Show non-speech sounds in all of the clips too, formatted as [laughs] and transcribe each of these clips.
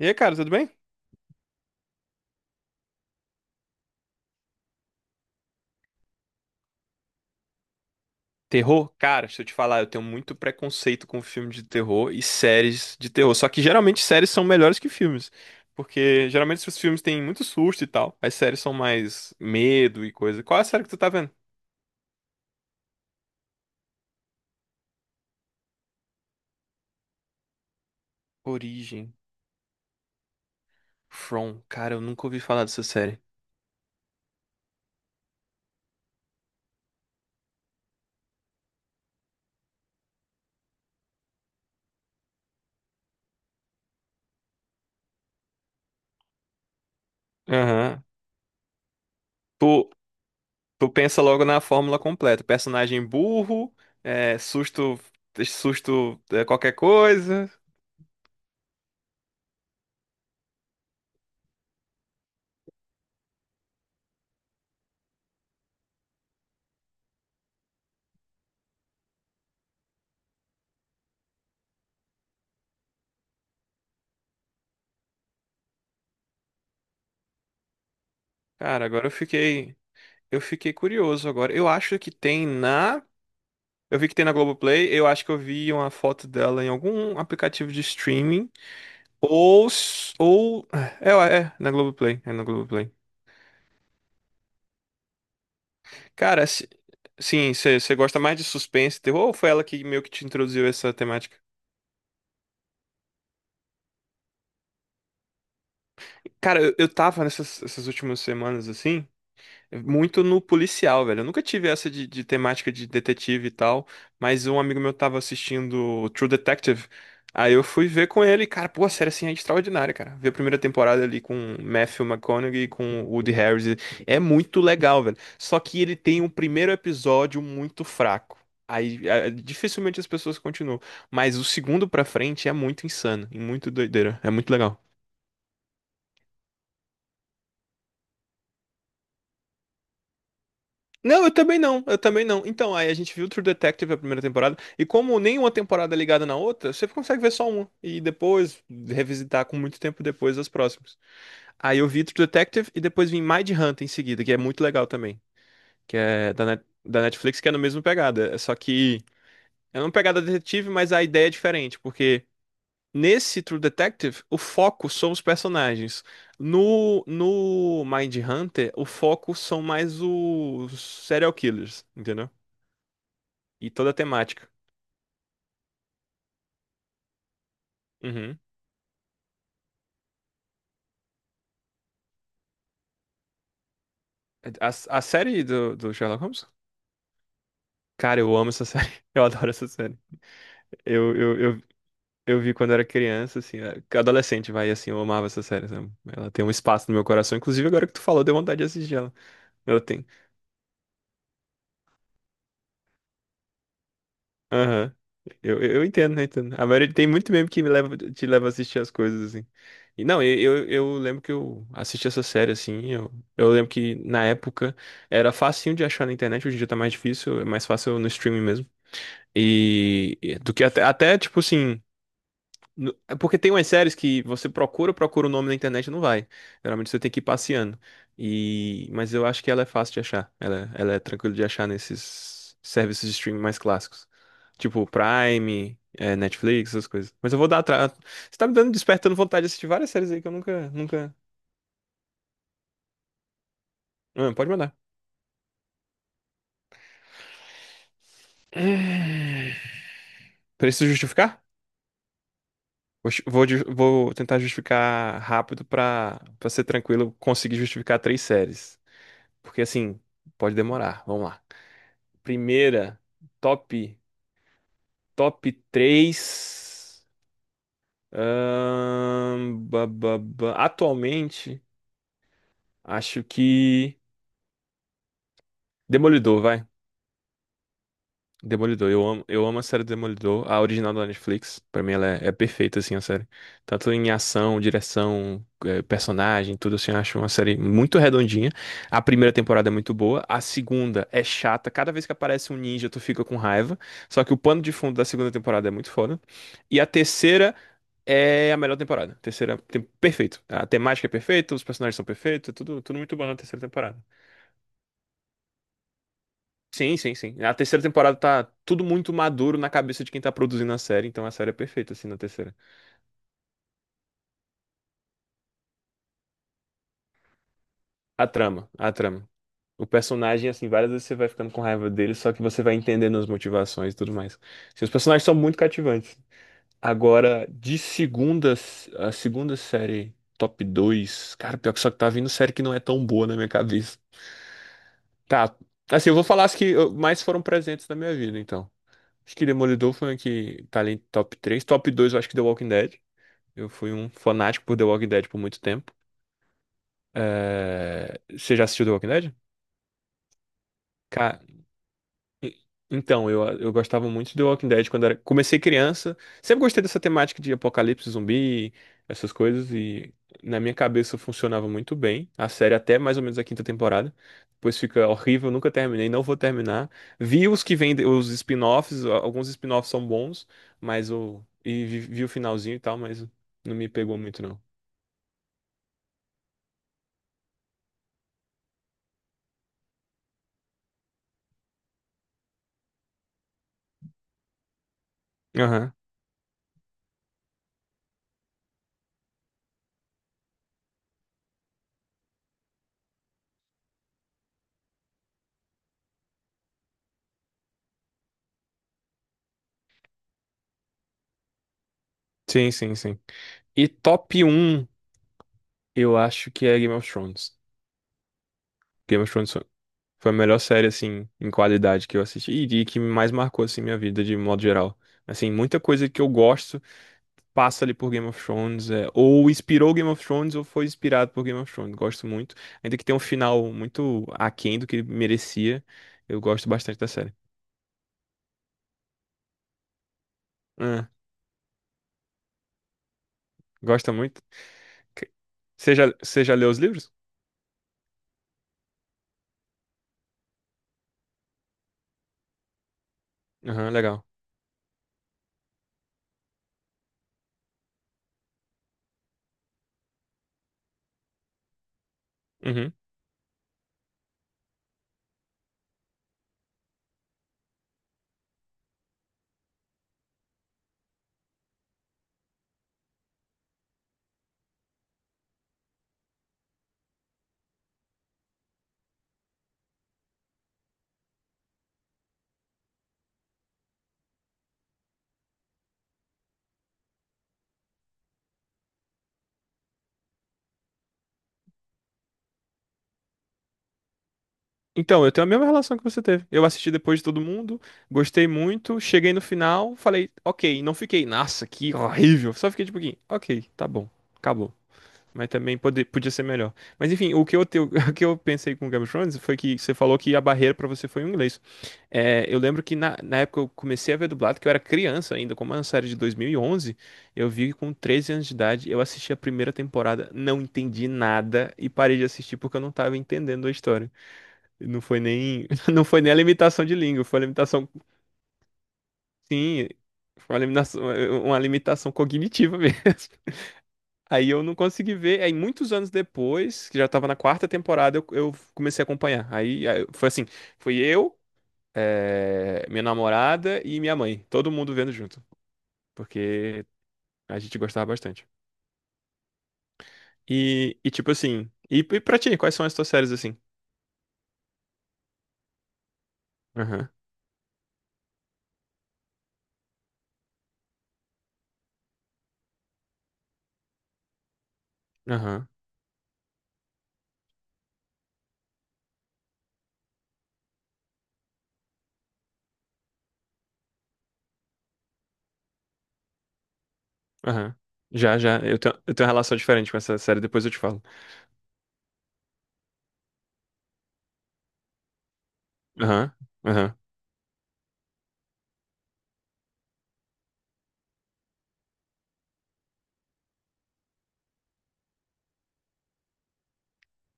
E aí, cara, tudo bem? Terror? Cara, se eu te falar, eu tenho muito preconceito com filme de terror e séries de terror. Só que geralmente séries são melhores que filmes. Porque geralmente os filmes têm muito susto e tal. As séries são mais medo e coisa. Qual é a série que tu tá vendo? Origem. From. Cara, eu nunca ouvi falar dessa série. Aham. Tu pensa logo na fórmula completa. Personagem burro, é, susto, susto, é, qualquer coisa. Cara, agora eu fiquei curioso agora. Eu acho que tem na, eu vi que tem na Globoplay, eu acho que eu vi uma foto dela em algum aplicativo de streaming. Ou, s- ou... É, é, é, na Globoplay, é na Globoplay. Cara, se- sim, você gosta mais de suspense, terror, ou foi ela que meio que te introduziu essa temática? Cara, eu tava nessas essas últimas semanas, assim, muito no policial, velho. Eu nunca tive essa de temática de detetive e tal, mas um amigo meu tava assistindo True Detective. Aí eu fui ver com ele, e, cara, pô, a série assim é extraordinária, cara. Ver a primeira temporada ali com Matthew McConaughey e com Woody Harrelson é muito legal, velho. Só que ele tem um primeiro episódio muito fraco. Aí dificilmente as pessoas continuam, mas o segundo pra frente é muito insano e muito doideira, é muito legal. Não, eu também não, eu também não. Então, aí a gente viu True Detective a primeira temporada, e como nenhuma temporada é ligada na outra, você consegue ver só uma, e depois revisitar com muito tempo depois as próximas. Aí eu vi True Detective e depois vim Mindhunter em seguida, que é muito legal também, que é da, Net- da Netflix, que é na mesma pegada, é só que é uma pegada detetive, mas a ideia é diferente, porque nesse True Detective, o foco são os personagens. No, no Mindhunter, o foco são mais os serial killers, entendeu? E toda a temática. Uhum. A, a série do, do Sherlock Holmes? Cara, eu amo essa série. [laughs] Eu adoro essa série. Eu, eu, eu, eu vi quando era criança, assim, adolescente, vai, assim, eu amava essa série, sabe? Ela tem um espaço no meu coração. Inclusive, agora que tu falou, deu vontade de assistir ela. Ela tem. Aham. Eu entendo, né? Entendo. A maioria tem muito meme que me leva, te leva a assistir as coisas, assim. E não, eu lembro que eu assisti essa série, assim. Eu lembro que na época era facinho de achar na internet, hoje em dia tá mais difícil, é mais fácil no streaming mesmo. E do que até, até tipo assim. No- é Porque tem umas séries que você procura, procura o nome na internet e não vai. Geralmente você tem que ir passeando. E... Mas eu acho que ela é fácil de achar. Ela é tranquila de achar nesses serviços de streaming mais clássicos. Tipo Prime, é, Netflix, essas coisas. Mas eu vou dar atrás. Você tá me dando, despertando vontade de assistir várias séries aí que eu nunca, nunca. Ah, pode mandar. Hum. Preciso justificar? Vou, ju- vou ju- vou tentar justificar rápido pra para ser tranquilo conseguir justificar três séries. Porque assim, pode demorar. Vamos lá. Primeira, top top 3. Atualmente, acho que Demolidor, vai. Demolidor, eu amo a série Demolidor, a original da Netflix. Pra mim ela é, é perfeita, assim, a série. Tanto em ação, direção, personagem, tudo assim, eu acho uma série muito redondinha. A primeira temporada é muito boa, a segunda é chata. Cada vez que aparece um ninja, tu fica com raiva. Só que o pano de fundo da segunda temporada é muito foda. E a terceira é a melhor temporada. Terceira, tem, perfeito. A temática é perfeita, os personagens são perfeitos, é tudo, tudo muito bom na terceira temporada. Sim, sim, sim. A terceira temporada tá tudo muito maduro na cabeça de quem tá produzindo a série, então a série é perfeita, assim, na terceira. A trama, a trama. O personagem, assim, várias vezes você vai ficando com raiva dele, só que você vai entendendo as motivações e tudo mais. Assim, os personagens são muito cativantes. Agora, de segunda, a segunda série top 2 cara, pior que só que tá vindo série que não é tão boa na minha cabeça. Tá, assim, eu vou falar as que eu- mais foram presentes na minha vida, então. Acho que Demolidor foi uma que tá ali em top três. Top 2 eu acho que The Walking Dead. Eu fui um fanático por The Walking Dead por muito tempo. É, você já assistiu The Walking Dead? Cara, então, eu gostava muito de The Walking Dead quando era... comecei criança. Sempre gostei dessa temática de apocalipse zumbi, essas coisas, e na minha cabeça funcionava muito bem. A série até mais ou menos a quinta temporada. Depois fica horrível, nunca terminei, não vou terminar. Vi os que vêm, de- os spin-offs, a- alguns spin-offs são bons, mas o. E vi, vi o finalzinho e tal, mas não me pegou muito, não. Aham. Sim, sim, sim. E top um eu acho que é Game of Thrones. Game of Thrones foi a melhor série, assim, em qualidade que eu assisti e que mais marcou, assim, minha vida de modo geral. Assim, muita coisa que eu gosto passa ali por Game of Thrones, é, ou inspirou Game of Thrones ou foi inspirado por Game of Thrones. Gosto muito. Ainda que tenha um final muito aquém do que ele merecia, eu gosto bastante da série. Ah, gosta muito? Que- você já, você já leu os livros? Aham, legal. Uhum. Então, eu tenho a mesma relação que você teve. Eu assisti depois de todo mundo, gostei muito, cheguei no final, falei, ok, não fiquei, nossa, que horrível. Só fiquei tipo, ok, tá bom, acabou. Mas também pode, podia ser melhor. Mas enfim, o que eu, te- [laughs] o que eu pensei com Game of Thrones foi que você falou que a barreira pra você foi o inglês. É, eu lembro que na época eu comecei a ver dublado, que eu era criança ainda, como é uma série de 2011, eu vi com 13 anos de idade, eu assisti a primeira temporada, não entendi nada e parei de assistir porque eu não tava entendendo a história. Não foi nem, [laughs] não foi nem a limitação de língua, foi a limitação, sim, foi uma limitação cognitiva [laughs] mesmo. Aí eu não consegui ver. Aí muitos anos depois, que já tava na quarta temporada, eu comecei a acompanhar. Aí, aí foi assim, foi eu, minha namorada e minha mãe, todo mundo vendo junto, porque a gente gostava bastante. E tipo assim, e pra ti, quais são as tuas séries assim? Aham, aham, aham. Já, já, eu tenho uma relação diferente com essa série, depois eu te falo. Aham, aham.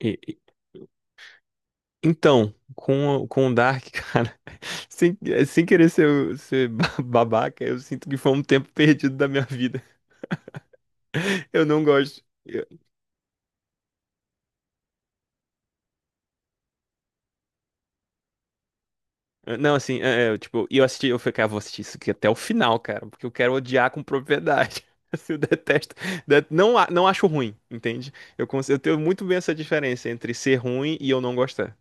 E- Então, com o Dark, cara, [laughs] sem, sem querer ser, o- ser [laughs] ba- babaca, eu sinto que foi um tempo perdido da minha vida. Eu não gosto. Eu- não, assim, é, é, tipo, e eu assisti, eu falei, cara, vou assistir isso aqui até o final, cara, porque eu quero odiar com propriedade. [laughs] Assim, eu detesto. Det- não, a- não acho ruim, entende? Eu, cons- eu tenho muito bem essa diferença entre ser ruim e eu não gostar.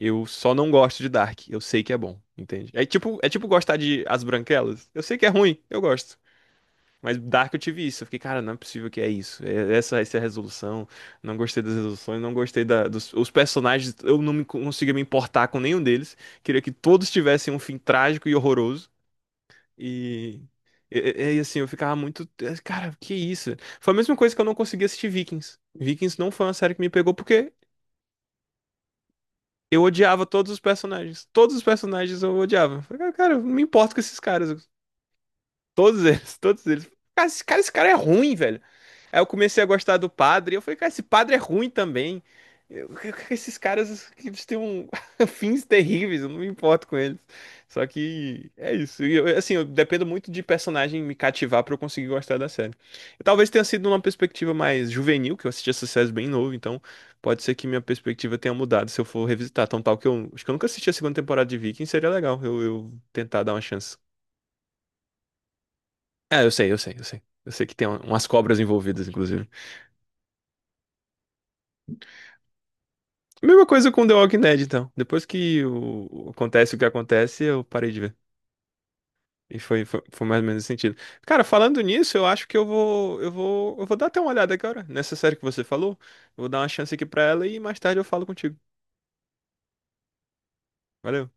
Eu só não gosto de Dark. Eu sei que é bom, entende? É tipo gostar de As Branquelas. Eu sei que é ruim, eu gosto. Mas Dark eu tive isso. Eu fiquei, cara, não é possível que é isso. É- essa é a resolução. Não gostei das resoluções, não gostei da- dos os personagens. Eu não me, conseguia me importar com nenhum deles. Queria que todos tivessem um fim trágico e horroroso. E. E, e- e, assim, eu ficava muito. Cara, que isso? Foi a mesma coisa que eu não consegui assistir Vikings. Vikings não foi uma série que me pegou porque eu odiava todos os personagens. Todos os personagens eu odiava. Eu falei, "Ah, cara, não me importo com esses caras. Todos eles, todos eles. Cara, esse cara, esse cara é ruim, velho. Aí eu comecei a gostar do padre, e eu falei, cara, esse padre é ruim também. Eu- [laughs] esses caras, eles têm um- [laughs] fins terríveis, eu não me importo com eles. Só que é isso. E eu- assim, eu dependo muito de personagem me cativar pra eu conseguir gostar da série. Eu talvez tenha sido numa perspectiva mais juvenil, que eu assisti essa série bem novo, então pode ser que minha perspectiva tenha mudado se eu for revisitar. Tão tal que eu acho que eu nunca assisti a segunda temporada de Viking, seria legal eu tentar dar uma chance. Ah, eu sei, eu sei, eu sei. Eu sei que tem um- umas cobras envolvidas, inclusive. Mesma coisa com The Walking Dead, então. Depois que o- acontece o que acontece, eu parei de ver. E foi, foi, foi mais ou menos esse sentido. Cara, falando nisso, eu acho que eu vou, eu vou, eu vou dar até uma olhada agora nessa série que você falou. Vou dar uma chance aqui pra ela e mais tarde eu falo contigo. Valeu.